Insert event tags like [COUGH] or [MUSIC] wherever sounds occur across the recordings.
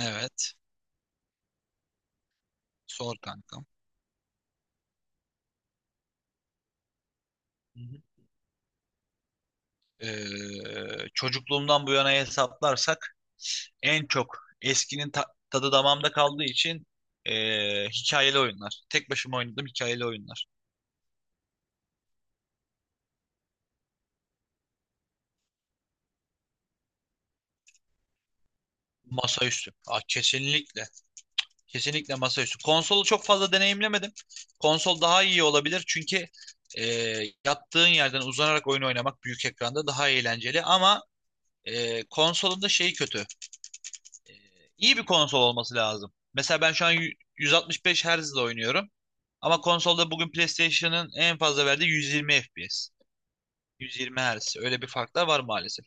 Evet. Sor kankam. Hı hı. Çocukluğumdan bu yana hesaplarsak en çok eskinin tadı damağımda kaldığı için hikayeli oyunlar. Tek başıma oynadığım hikayeli oyunlar. Masaüstü. Aa, kesinlikle. Kesinlikle masaüstü. Konsolu çok fazla deneyimlemedim. Konsol daha iyi olabilir çünkü yattığın yerden uzanarak oyun oynamak büyük ekranda daha eğlenceli, ama konsolun da şeyi kötü. İyi bir konsol olması lazım. Mesela ben şu an 165 Hz'de oynuyorum. Ama konsolda bugün PlayStation'ın en fazla verdiği 120 FPS. 120 Hz. Öyle bir fark da var maalesef.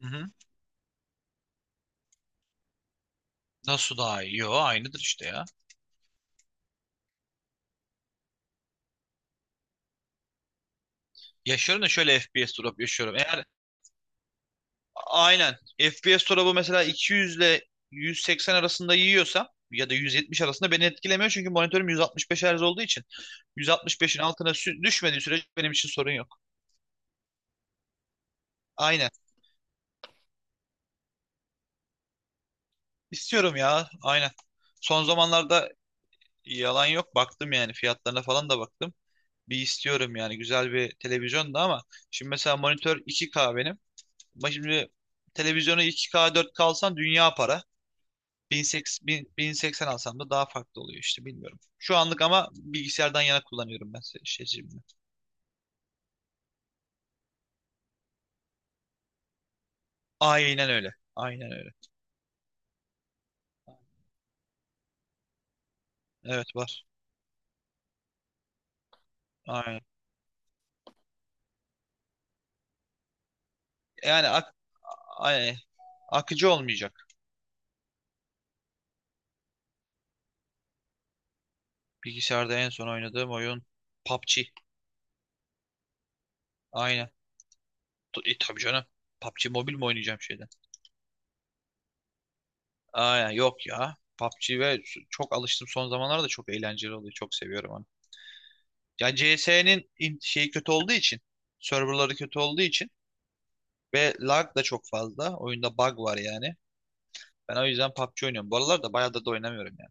Hı hı. Nasıl daha iyi? Yo, aynıdır işte ya. Yaşıyorum da şöyle FPS drop yaşıyorum. Eğer aynen FPS drop'u mesela 200 ile 180 arasında yiyorsam ya da 170 arasında, beni etkilemiyor çünkü monitörüm 165 Hz olduğu için 165'in altına düşmediği sürece benim için sorun yok. Aynen. İstiyorum ya. Aynen. Son zamanlarda, yalan yok, baktım yani. Fiyatlarına falan da baktım. Bir istiyorum yani, güzel bir televizyon da, ama şimdi mesela monitör 2K benim. Ama şimdi televizyonu 2K 4K alsan dünya para. 1080, 1000 1080 alsam da daha farklı oluyor işte, bilmiyorum. Şu anlık ama bilgisayardan yana kullanıyorum ben. Aynen öyle. Aynen öyle. Evet, var. Aynen. Yani ay- akıcı olmayacak. Bilgisayarda en son oynadığım oyun PUBG. Aynen. Tabii canım. PUBG Mobile mi oynayacağım şeyden? Aa, yok ya. PUBG çok alıştım son zamanlarda, çok eğlenceli oluyor. Çok seviyorum onu. Ya, CS'nin şeyi kötü olduğu için, serverları kötü olduğu için ve lag da çok fazla. Oyunda bug var yani. Ben o yüzden PUBG oynuyorum. Bu aralar da bayağı da oynamıyorum yani.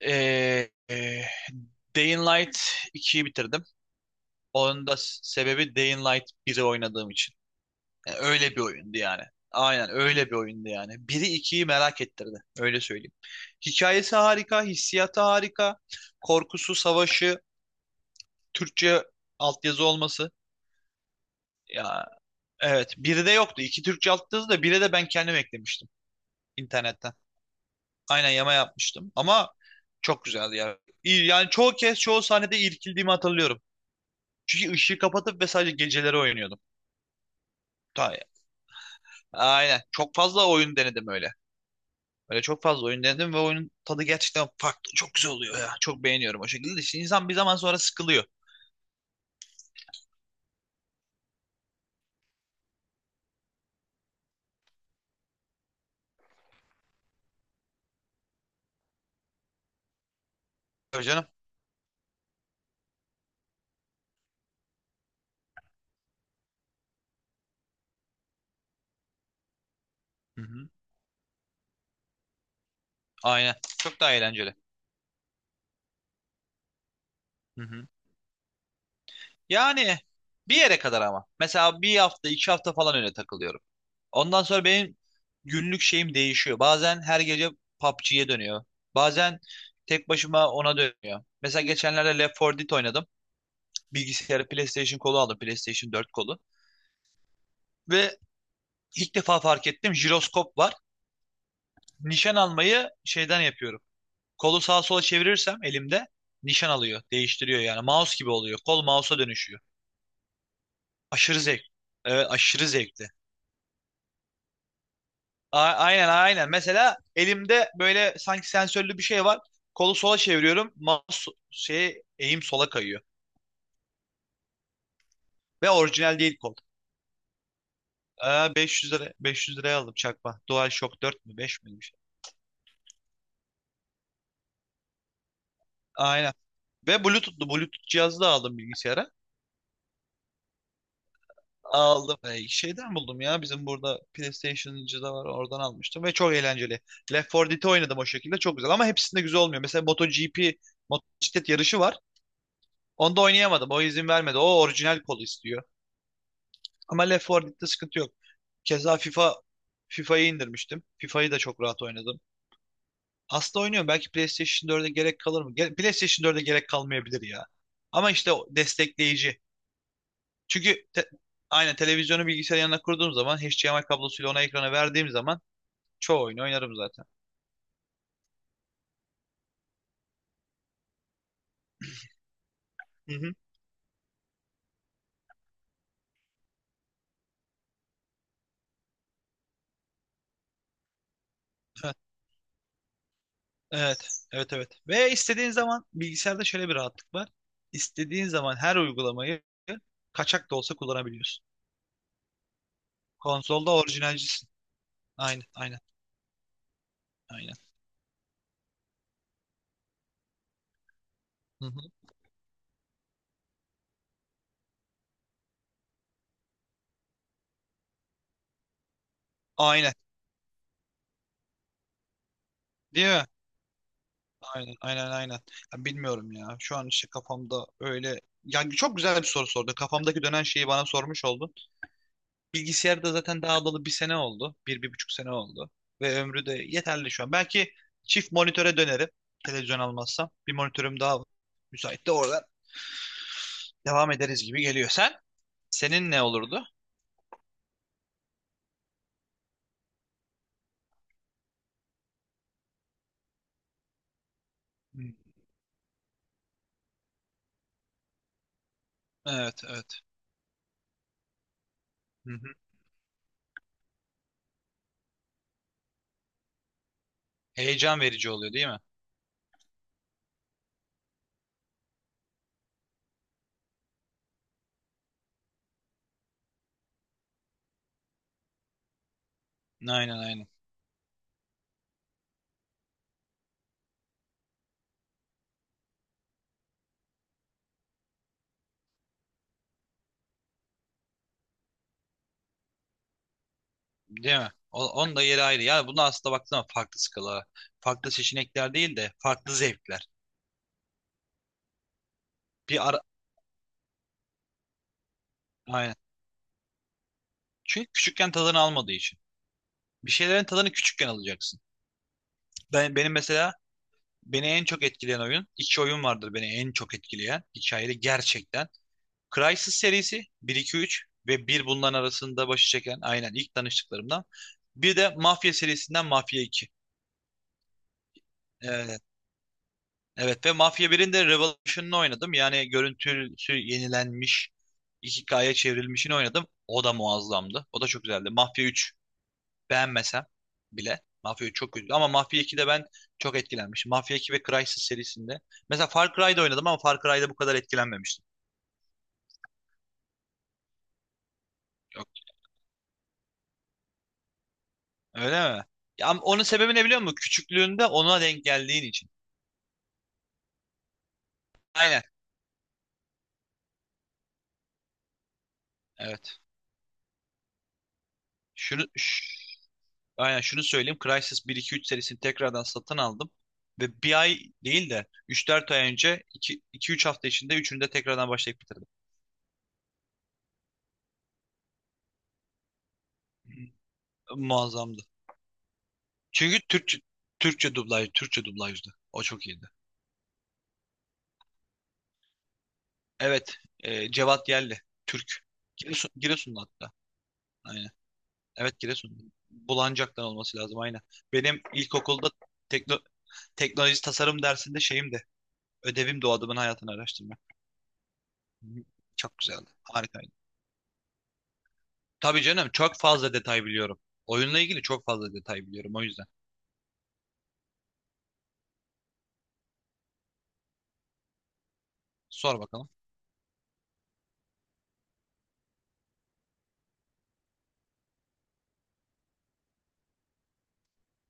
Ee, e, Day in Light 2'yi bitirdim. Onun da sebebi Day in Light 1'i oynadığım için. Yani öyle bir oyundu yani. Aynen, öyle bir oyundu yani. Biri ikiyi merak ettirdi. Öyle söyleyeyim. Hikayesi harika, hissiyatı harika. Korkusu, savaşı, Türkçe altyazı olması. Ya evet, biri de yoktu. İki Türkçe altyazı da, biri de ben kendim eklemiştim internetten. Aynen, yama yapmıştım ama çok güzeldi ya. Yani çoğu kez, çoğu sahnede irkildiğimi hatırlıyorum. Çünkü ışığı kapatıp ve sadece geceleri oynuyordum. Ta- Aynen. Çok fazla oyun denedim öyle. Böyle çok fazla oyun denedim ve oyunun tadı gerçekten farklı. Çok güzel oluyor ya. Çok beğeniyorum o şekilde. İşte insan bir zaman sonra sıkılıyor. Tabii canım. Hı hı. Aynen. Çok daha eğlenceli. Hı hı. Yani bir yere kadar ama. Mesela bir hafta, iki hafta falan öyle takılıyorum. Ondan sonra benim günlük şeyim değişiyor. Bazen her gece PUBG'ye dönüyor. Bazen tek başıma ona dönüyor. Mesela geçenlerde Left 4 Dead oynadım. Bilgisayarı PlayStation kolu aldım. PlayStation 4 kolu. Ve ilk defa fark ettim. Jiroskop var. Nişan almayı şeyden yapıyorum. Kolu sağa sola çevirirsem elimde nişan alıyor. Değiştiriyor yani. Mouse gibi oluyor. Kol mouse'a dönüşüyor. Aşırı zevk. Evet, aşırı zevkli. Aynen aynen. Mesela elimde böyle sanki sensörlü bir şey var. Kolu sola çeviriyorum. Mouse eğim sola kayıyor. Ve orijinal değil kol. Aa, 500 lira, 500 liraya aldım çakma. DualShock 4 mü 5 mi? Aynen. Ve Bluetooth'lu, Bluetooth cihazı da aldım bilgisayara. Aldım. Şeyden buldum ya. Bizim burada PlayStation'cı da var. Oradan almıştım ve çok eğlenceli. Left 4 Dead'i oynadım o şekilde. Çok güzel ama hepsinde güzel olmuyor. Mesela MotoGP, motosiklet yarışı var. Onda oynayamadım. O izin vermedi. O orijinal kolu istiyor. Ama Left 4 Dead'de sıkıntı yok. Keza FIFA'yı indirmiştim. FIFA'yı da çok rahat oynadım. Aslında oynuyorum. Belki PlayStation 4'e gerek kalır mı? PlayStation 4'e gerek kalmayabilir ya. Ama işte o destekleyici. Çünkü aynen televizyonu bilgisayarın yanına kurduğum zaman, HDMI kablosuyla ona, ekrana verdiğim zaman çoğu oyunu oynarım zaten. Hı hı. Heh, evet, evet, evet. Ve istediğin zaman bilgisayarda şöyle bir rahatlık var. İstediğin zaman her uygulamayı kaçak da olsa kullanabiliyorsun. Konsolda orijinalcisin. Aynen, aynen, aynen. Hı hı. Aynen, değil mi? Aynen, aynen, aynen. Ya, bilmiyorum ya. Şu an işte kafamda öyle... Yani çok güzel bir soru sordu. Kafamdaki dönen şeyi bana sormuş oldun. Bilgisayarda zaten daha alalı bir sene oldu. Bir, bir buçuk sene oldu. Ve ömrü de yeterli şu an. Belki çift monitöre dönerim. Televizyon almazsam. Bir monitörüm daha var. Müsait de oradan devam ederiz gibi geliyor. Sen? Senin ne olurdu? Hı. Evet, evet. Hı hı. Heyecan verici oluyor değil mi? Aynen, aynen. Değil mi? Onun da yeri ayrı. Yani bunu aslında baktığında farklı skala. Farklı seçenekler değil de farklı zevkler. Bir ara... Aynen. Çünkü küçükken tadını almadığı için. Bir şeylerin tadını küçükken alacaksın. Benim mesela beni en çok etkileyen oyun, iki oyun vardır beni en çok etkileyen hikayeli gerçekten. Crysis serisi bir 2 3 ve bir bundan arasında başı çeken aynen, ilk tanıştıklarımdan. Bir de Mafya serisinden Mafya 2. Evet, evet ve Mafya 1'in de Revolution'ını oynadım. Yani görüntüsü yenilenmiş, 2K'ya çevrilmişini oynadım. O da muazzamdı. O da çok güzeldi. Mafya 3. Beğenmesem bile. Mafya 3 çok kötü. Ama Mafya 2'de ben çok etkilenmişim. Mafya 2 ve Crysis serisinde. Mesela Far Cry'da oynadım ama Far Cry'da bu kadar etkilenmemiştim. Yok. Öyle mi? Ya, ama onun sebebi ne biliyor musun? Küçüklüğünde ona denk geldiğin için. Aynen. Evet. Şunu ş- Aynen şunu söyleyeyim. Crysis bir iki üç serisini tekrardan satın aldım. Ve bir ay değil de üç dört ay önce, iki üç hafta içinde üçünü de tekrardan başlayıp bitirdim. Muazzamdı. Çünkü Türkçe dublaj, Türkçe dublajdı. O çok iyiydi. Evet. Cevat Yelli. Türk. Giresun, Giresunlu hatta. Aynen. Evet, Giresunlu. Bulancak'tan olması lazım, aynen. Benim ilkokulda tekno, teknoloji tasarım dersinde şeyim de, ödevim de o adamın hayatını araştırmak. Hı. Çok güzeldi. Harikaydı. Tabii canım, çok fazla detay biliyorum. Oyunla ilgili çok fazla detay biliyorum o yüzden. Sor bakalım.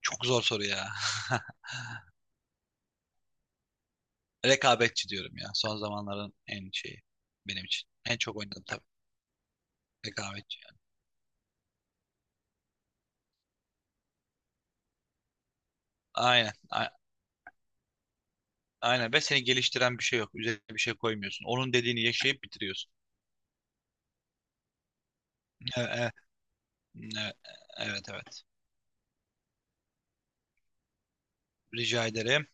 Çok zor soru ya. [LAUGHS] Rekabetçi diyorum ya. Son zamanların en şeyi benim için. En çok oynadım tabii. Rekabetçi yani. Aynen. Aynen ve seni geliştiren bir şey yok. Üzerine bir şey koymuyorsun. Onun dediğini yaşayıp bitiriyorsun. E, e, e, Evet, evet. Rica ederim.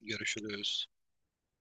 Görüşürüz.